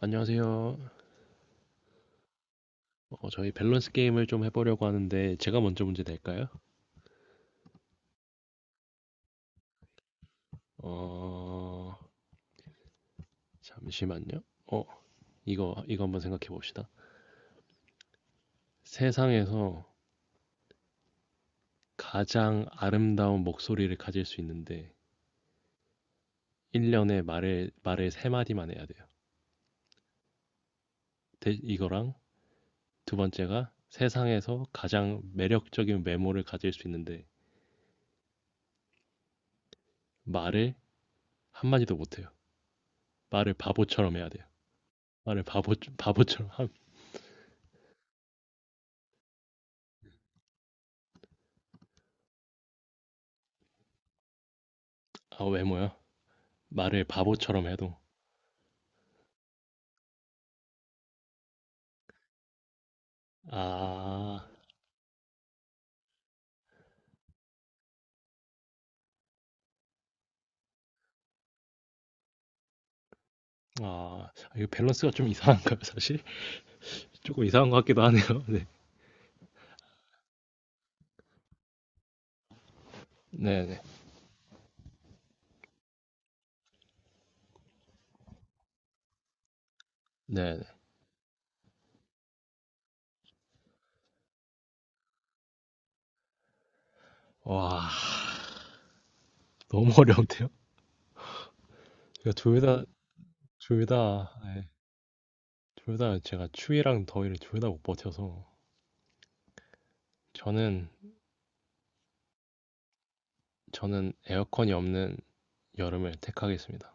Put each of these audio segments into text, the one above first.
안녕하세요. 저희 밸런스 게임을 좀 해보려고 하는데 제가 먼저 문제 낼까요? 어, 잠시만요. 어, 이거 한번 생각해 봅시다. 세상에서 가장 아름다운 목소리를 가질 수 있는데 1년에 말을 세 마디만 해야 돼요. 이거랑 두 번째가 세상에서 가장 매력적인 외모를 가질 수 있는데 말을 한 마디도 못 해요. 말을 바보처럼 해야 돼요. 말을 바보 바보처럼 함- 아, 외모야. 말을 바보처럼 해도 아, 아, 이거 밸런스가 좀 이상한가요, 사실? 조금 이상한 것 같기도 하네요. 네, 네, 네, 네. 네. 와, 너무 어려운데요? 제가 둘 다, 둘 다, 네, 둘다 제가 추위랑 더위를 둘 다 못 버텨서 저는 에어컨이 없는 여름을 택하겠습니다.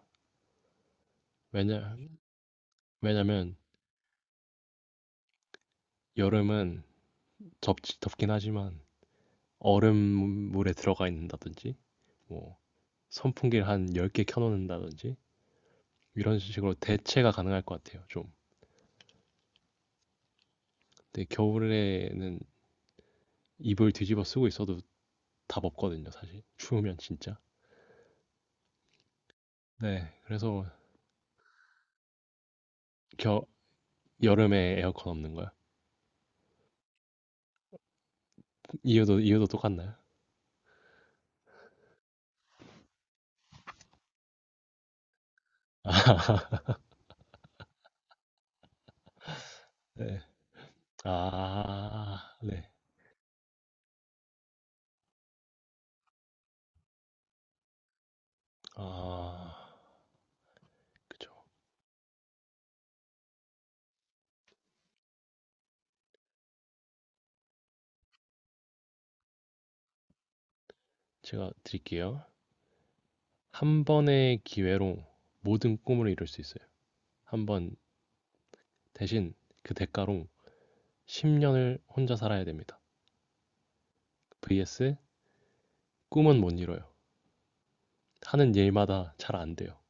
왜냐, 왜냐면 여름은 덥긴 하지만 얼음물에 들어가 있는다든지 뭐 선풍기를 한 10개 켜놓는다든지 이런 식으로 대체가 가능할 것 같아요, 좀. 근데 겨울에는 이불 뒤집어 쓰고 있어도 답 없거든요, 사실. 추우면 진짜. 네, 그래서 겨, 여름에 에어컨 없는 거야. 이유도 똑같나요? 네. 아, 네. 아, 그쵸. 제가 드릴게요. 한 번의 기회로 모든 꿈을 이룰 수 있어요. 한 번 대신 그 대가로 10년을 혼자 살아야 됩니다. vs 꿈은 못 이뤄요. 하는 일마다 잘 안 돼요.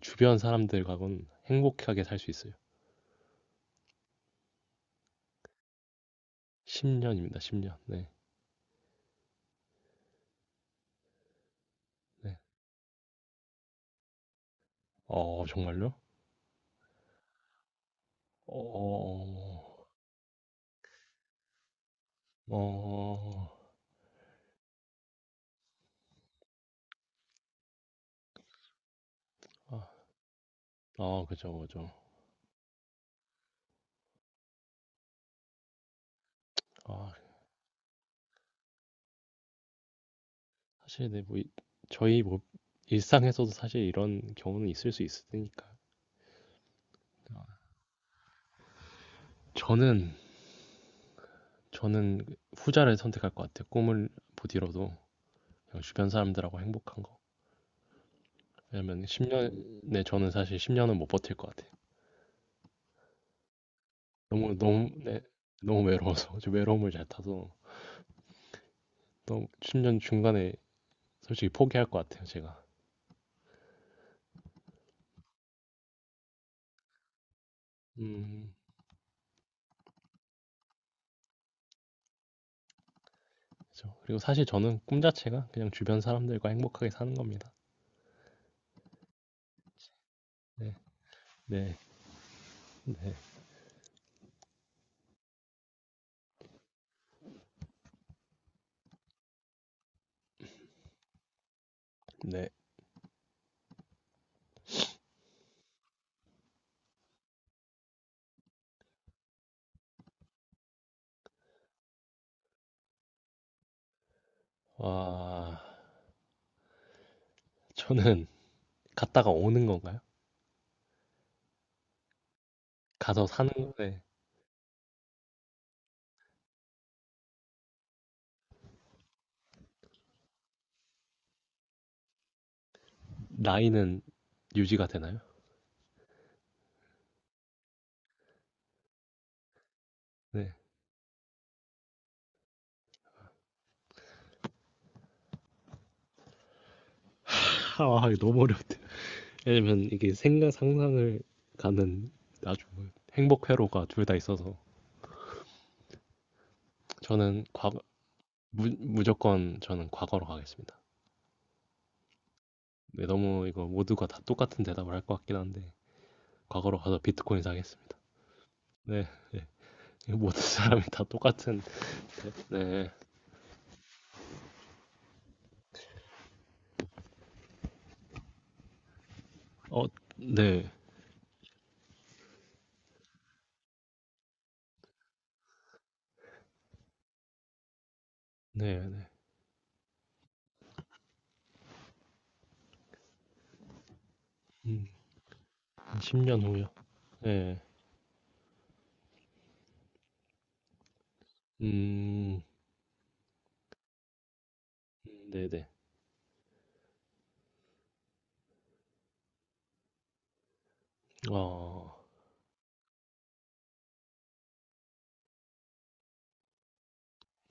주변 사람들과는 행복하게 살 수 있어요. 10년입니다. 10년. 네. 네. 어 정말요? 어. 어. 어, 어, 아. 아 그죠, 그죠. 아 사실 네 뭐 이 저희 뭐 일상에서도 사실 이런 경우는 있을 수 있으니까. 아 저는 그 후자를 선택할 것 같아요. 꿈을 못 이뤄도 그냥 주변 사람들하고 행복한 거. 왜냐면 10년 네 저는 사실 10년은 못 버틸 것 같아요. 너무 너무 네 너무 외로워서 저 외로움을 잘 타서 너무 10년 중간에 솔직히 포기할 것 같아요, 제가. 음. 그죠. 렇 그리고 사실 저는 꿈 자체가 그냥 주변 사람들과 행복하게 사는 겁니다. 네. 네. 네. 네. 와. 저는 갔다가 오는 건가요? 가서 사는 건데 나이는 유지가 되나요? 네. 아, 이거 너무 어렵대 왜냐면 이게 생각 상상을 가는 아주 행복 회로가 둘 다 있어서 저는 과거 무조건 저는 과거로 가겠습니다. 네, 너무 이거 모두가 다 똑같은 대답을 할 것 같긴 한데 과거로 가서 비트코인 사겠습니다. 네. 네. 이거 모든 사람이 다 똑같은. 네. 어, 네. 네, 네. 음, 10년 후요. 네. 음, 네, 네. 어,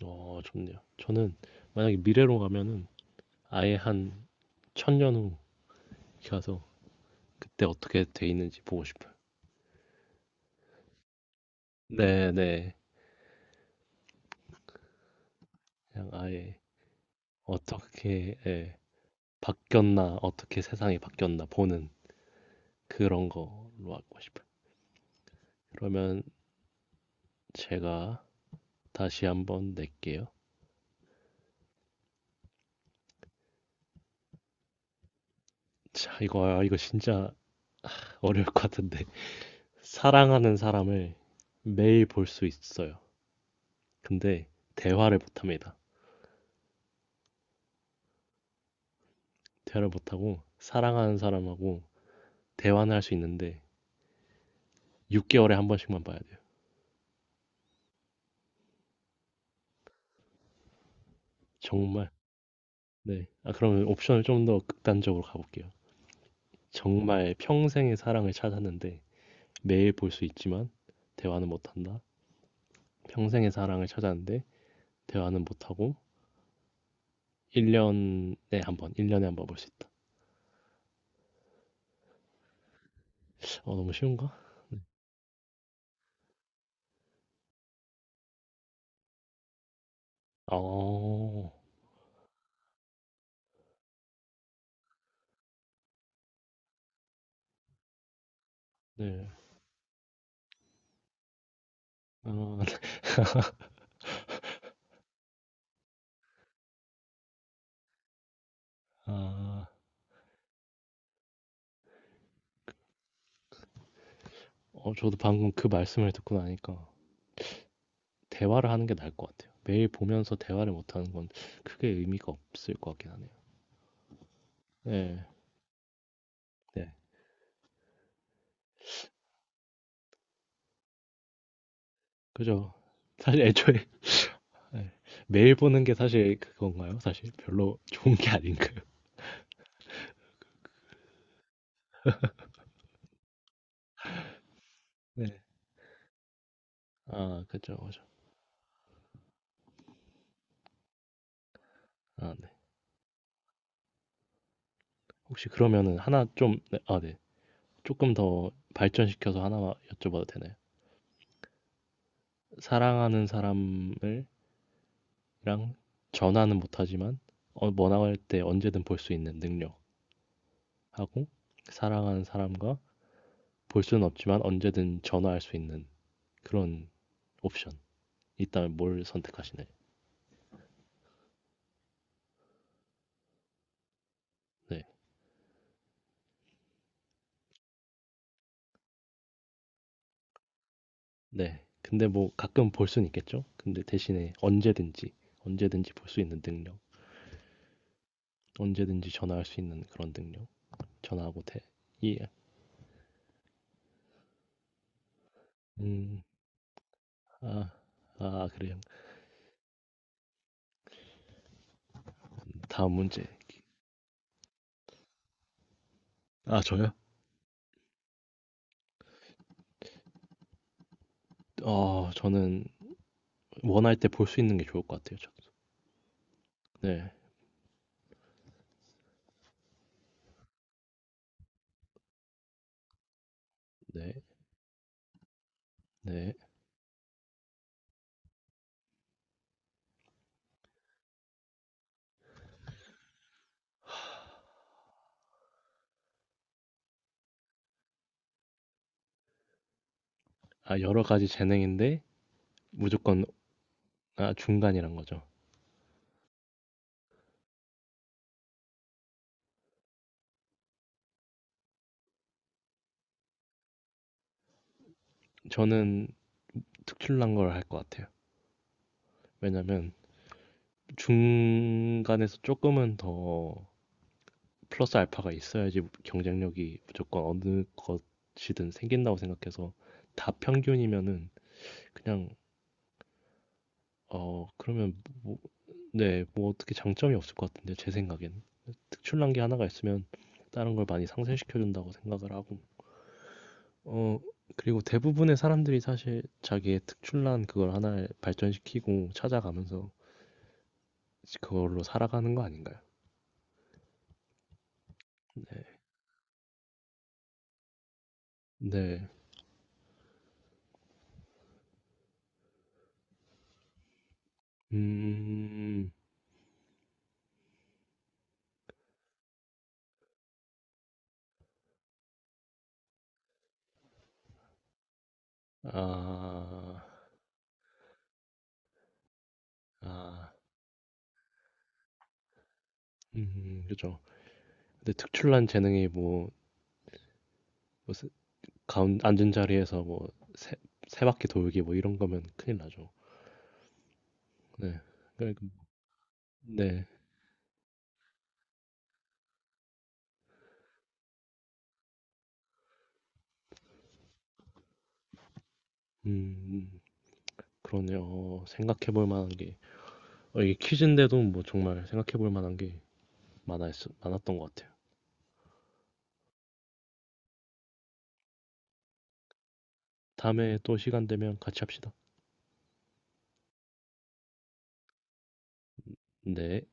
좋네요. 저는 만약에 미래로 가면은 아예 한 1000년 후 가서 그때 어떻게 돼 있는지 보고 싶어요. 네, 네. 그냥 아예 예, 바뀌었나, 어떻게 세상이 바뀌었나 보는 그런 거로 하고 싶어요. 그러면 제가 다시 한번 낼게요. 자, 이거 진짜 어려울 것 같은데. 사랑하는 사람을 매일 볼 수 있어요. 근데 대화를 못 합니다. 대화를 못 하고 사랑하는 사람하고 대화는 할 수 있는데 6개월에 한 번씩만 봐야 돼요. 정말. 네. 아, 그러면 옵션을 좀 더 극단적으로 가볼게요. 정말 평생의 사랑을 찾았는데 매일 볼 수 있지만 대화는 못 한다. 평생의 사랑을 찾았는데 대화는 못 하고 1년에 한 번, 1년에 한 번 볼 수 있다. 어, 너무 쉬운가? 네. 어. 네. 아. 아. 어 저도 방금 그 말씀을 듣고 나니까 대화를 하는 게 나을 것 같아요. 매일 보면서 대화를 못 하는 건 크게 의미가 없을 것 같긴 하네요. 네 네. 그죠. 사실 애초에 네. 매일 보는 게 사실 그건가요? 사실 별로 좋은 게 아닌가요? 네. 아 그죠, 그죠. 아 네. 혹시 그러면은 하나 좀 네 아 네. 조금 더 발전시켜서 하나 여쭤봐도 되나요? 사랑하는 사람을 랑 전화는 못하지만 원할 때 언제든 볼 수 있는 능력하고 사랑하는 사람과 볼 수는 없지만 언제든 전화할 수 있는 그런 옵션 있다면 뭘 선택하시나요? 네, 네. 근데 뭐 가끔 볼 수는 있겠죠. 근데 대신에 언제든지 볼 수 있는 능력, 언제든지 전화할 수 있는 그런 능력, 전화하고 돼 예. 음, 아, 아 그래요. 다음 문제. 아 저요? 저는 원할 때 볼 수 있는 게 좋을 것 같아요. 저도. 네, 네, 네. 아, 여러 가지 재능인데 무조건 아, 중간이란 거죠. 저는 특출난 걸 할 것 같아요. 왜냐면 중간에서 조금은 더 플러스 알파가 있어야지 경쟁력이 무조건 어느 것이든 생긴다고 생각해서 다 평균이면은 그냥 그러면 뭐, 네, 뭐 어떻게 장점이 없을 것 같은데 제 생각엔 특출난 게 하나가 있으면 다른 걸 많이 상쇄시켜 준다고 생각을 하고 어, 그리고 대부분의 사람들이 사실 자기의 특출난 그걸 하나를 발전시키고 찾아가면서 그걸로 살아가는 거 아닌가요? 네. 음, 아, 아, 그죠. 근데 특출난 재능이 뭐, 뭐 앉은 자리에서 뭐, 세, 세 바퀴 돌기 뭐 이런 거면 큰일 나죠. 네. 그러니까, 네. 음, 음, 그러네요. 어, 생각해 볼 만한 게, 어, 이게 퀴즈인데도 뭐 정말 생각해 볼 만한 게 많았, 많았던 것 같아요. 다음에 또 시간 되면 같이 합시다. 네.